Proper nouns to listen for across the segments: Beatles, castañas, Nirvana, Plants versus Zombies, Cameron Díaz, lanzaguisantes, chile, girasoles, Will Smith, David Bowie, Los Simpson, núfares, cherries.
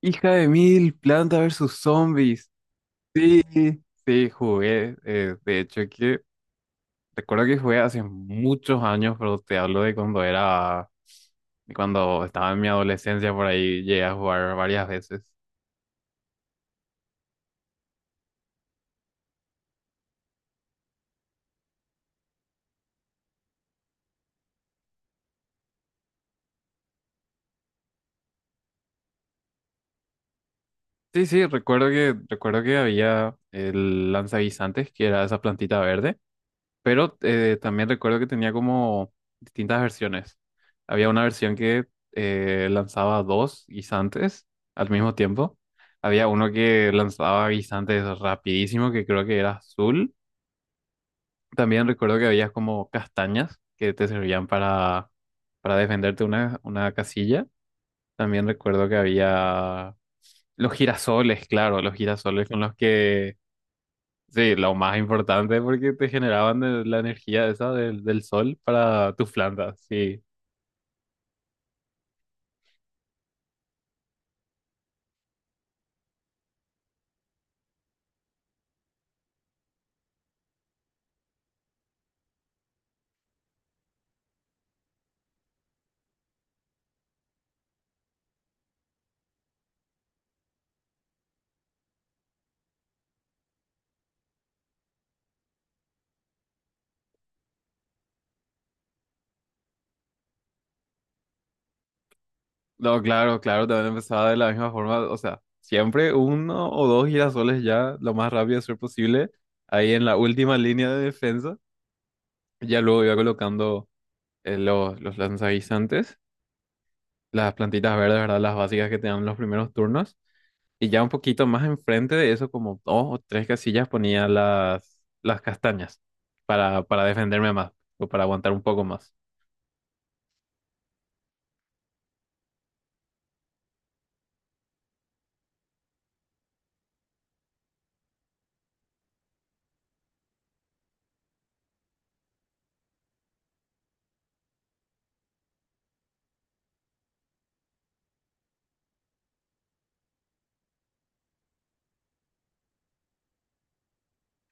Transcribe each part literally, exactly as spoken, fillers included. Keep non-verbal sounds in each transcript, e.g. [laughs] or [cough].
Hija de mil, Planta versus Zombies. Sí, sí, jugué. Eh, de hecho, que recuerdo que jugué hace muchos años, pero te hablo de cuando era, de cuando estaba en mi adolescencia, por ahí llegué a jugar varias veces. Sí, sí, recuerdo que, recuerdo que había el lanzaguisantes, que era esa plantita verde. Pero eh, también recuerdo que tenía como distintas versiones. Había una versión que eh, lanzaba dos guisantes al mismo tiempo. Había uno que lanzaba guisantes rapidísimo, que creo que era azul. También recuerdo que había como castañas que te servían para, para defenderte una, una casilla. También recuerdo que había los girasoles, claro, los girasoles con los que... Sí, lo más importante porque te generaban de- la energía esa del, del sol para tus plantas, sí. No, claro, claro, también empezaba de la misma forma, o sea, siempre uno o dos girasoles ya, lo más rápido ser posible, ahí en la última línea de defensa, ya luego iba colocando eh, los, los lanzaguisantes, las plantitas verdes, ¿verdad? Las básicas que te dan los primeros turnos. Y ya un poquito más enfrente de eso, como dos o tres casillas, ponía las, las castañas para, para defenderme más o para aguantar un poco más.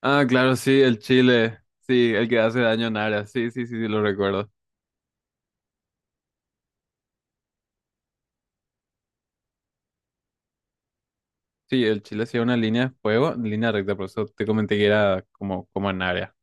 Ah, claro, sí, el chile. Sí, el que hace daño en área. Sí, sí, sí, sí, lo recuerdo. Sí, el chile hacía una línea de fuego, línea recta, por eso te comenté que era como, como en área.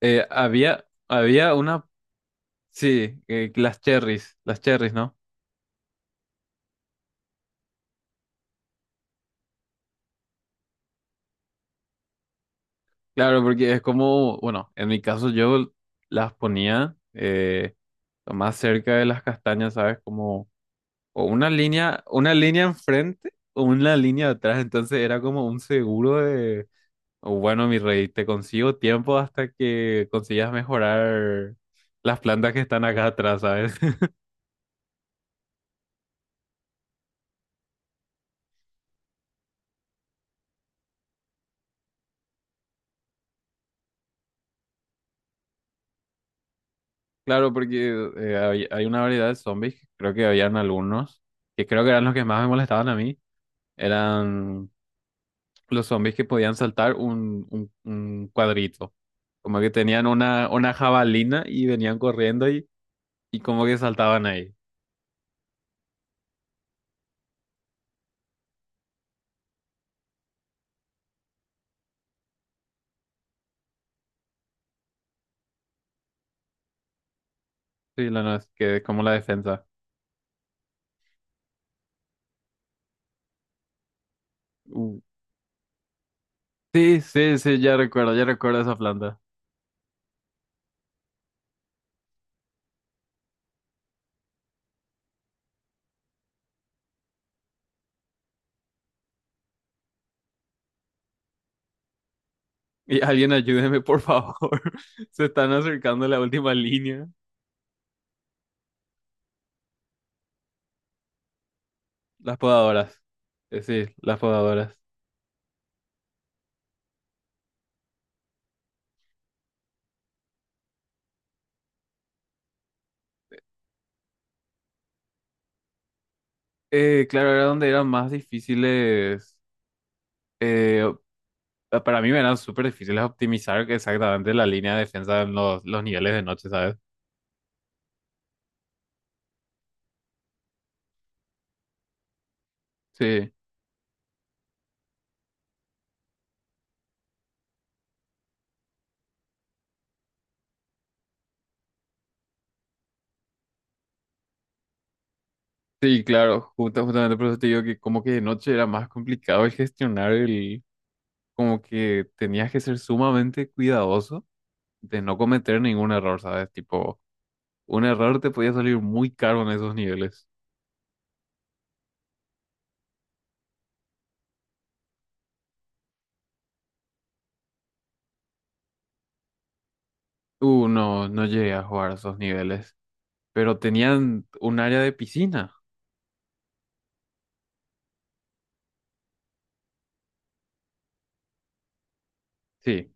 Eh, había, había una, sí, eh, las cherries, las cherries, ¿no? Claro, porque es como, bueno, en mi caso yo las ponía. Eh, más cerca de las castañas, ¿sabes? Como o una línea, una línea enfrente o una línea atrás. Entonces era como un seguro de, o bueno, mi rey, te consigo tiempo hasta que consigas mejorar las plantas que están acá atrás, ¿sabes? [laughs] Claro, porque eh, hay, hay una variedad de zombies, que creo que habían algunos, que creo que eran los que más me molestaban a mí, eran los zombies que podían saltar un, un un cuadrito. Como que tenían una, una jabalina y venían corriendo y... Y como que saltaban ahí. Sí, la no, que como la defensa. Uh, Sí, sí, sí, ya recuerdo, ya recuerdo esa planta. Y alguien ayúdeme, por favor. [laughs] Se están acercando a la última línea. Las podadoras. Eh, sí, las podadoras. Eh, claro, era donde eran más difíciles. eh, para mí me eran súper difíciles optimizar exactamente la línea de defensa en los, los niveles de noche, ¿sabes? Sí, sí, claro. Justo- justamente por eso te digo que como que de noche era más complicado el gestionar el... como que tenías que ser sumamente cuidadoso de no cometer ningún error, ¿sabes? Tipo, un error te podía salir muy caro en esos niveles. Uh, no, no llegué a jugar a esos niveles, pero tenían un área de piscina. Sí.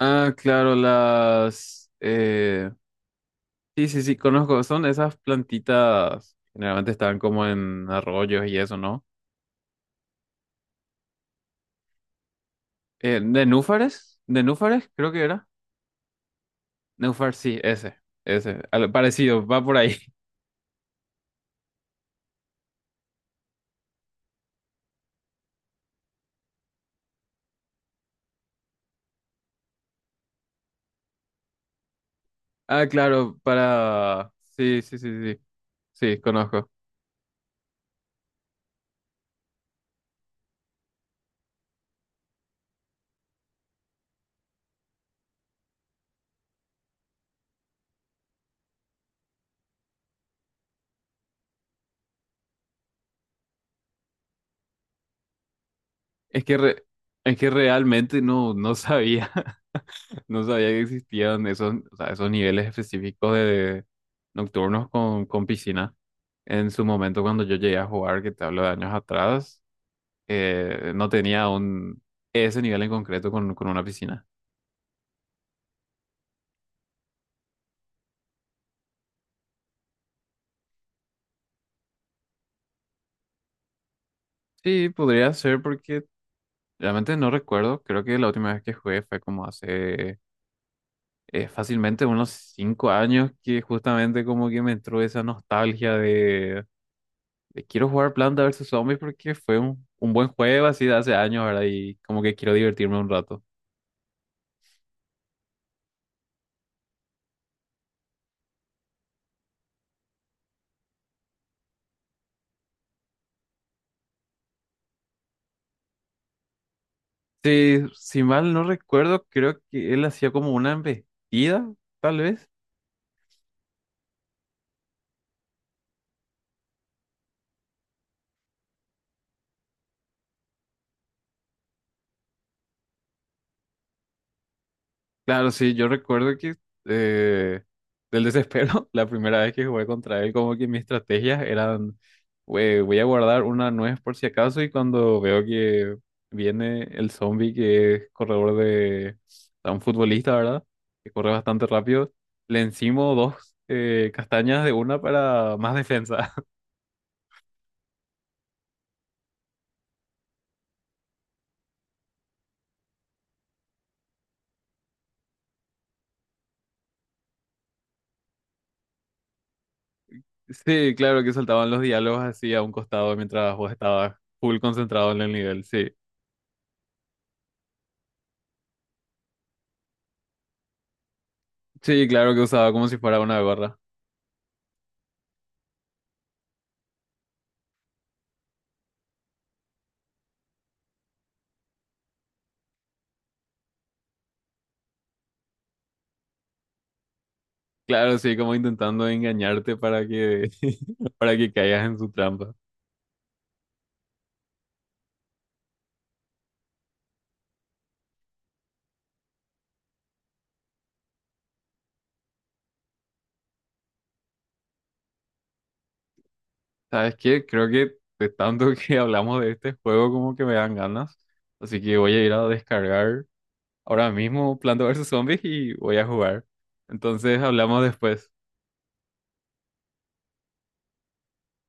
Ah, claro, las... eh, sí, sí, sí, conozco. Son esas plantitas, generalmente estaban como en arroyos y eso, ¿no? Eh, ¿de núfares? ¿De núfares? Creo que era. Núfar, sí, ese. Ese. Al- Parecido, va por ahí. Ah, claro, para... Sí, sí, sí, sí, sí, conozco. Es que, re- es que realmente no, no sabía, [laughs] no sabía que existían esos, o sea, esos niveles específicos de nocturnos con, con piscina. En su momento, cuando yo llegué a jugar, que te hablo de años atrás, eh, no tenía un, ese nivel en concreto con, con una piscina. Sí, podría ser porque realmente no recuerdo, creo que la última vez que jugué fue como hace... eh, fácilmente unos cinco años que justamente como que me entró esa nostalgia de, de quiero jugar Planta vs Zombies porque fue un, un buen juego así de hace años, ¿verdad? Y como que quiero divertirme un rato. Sí, si mal no recuerdo, creo que él hacía como una embestida, tal vez. Claro, sí, yo recuerdo que eh, del desespero, [laughs] la primera vez que jugué contra él, como que mis estrategias eran, "Güey, voy a guardar una nuez por si acaso y cuando veo que viene el zombie que es corredor de, de un futbolista, ¿verdad? Que corre bastante rápido, le encimo dos eh, castañas de una para más defensa". [laughs] Sí, claro que soltaban los diálogos así a un costado mientras vos estabas full concentrado en el nivel, sí. Sí, claro que usaba como si fuera una gorra. Claro, sí, como intentando engañarte para que, [laughs] para que caigas en su trampa. ¿Sabes qué? Creo que de tanto [laughs] que hablamos de este juego como que me dan ganas. Así que voy a ir a descargar ahora mismo Planta vs Zombies y voy a jugar. Entonces hablamos después.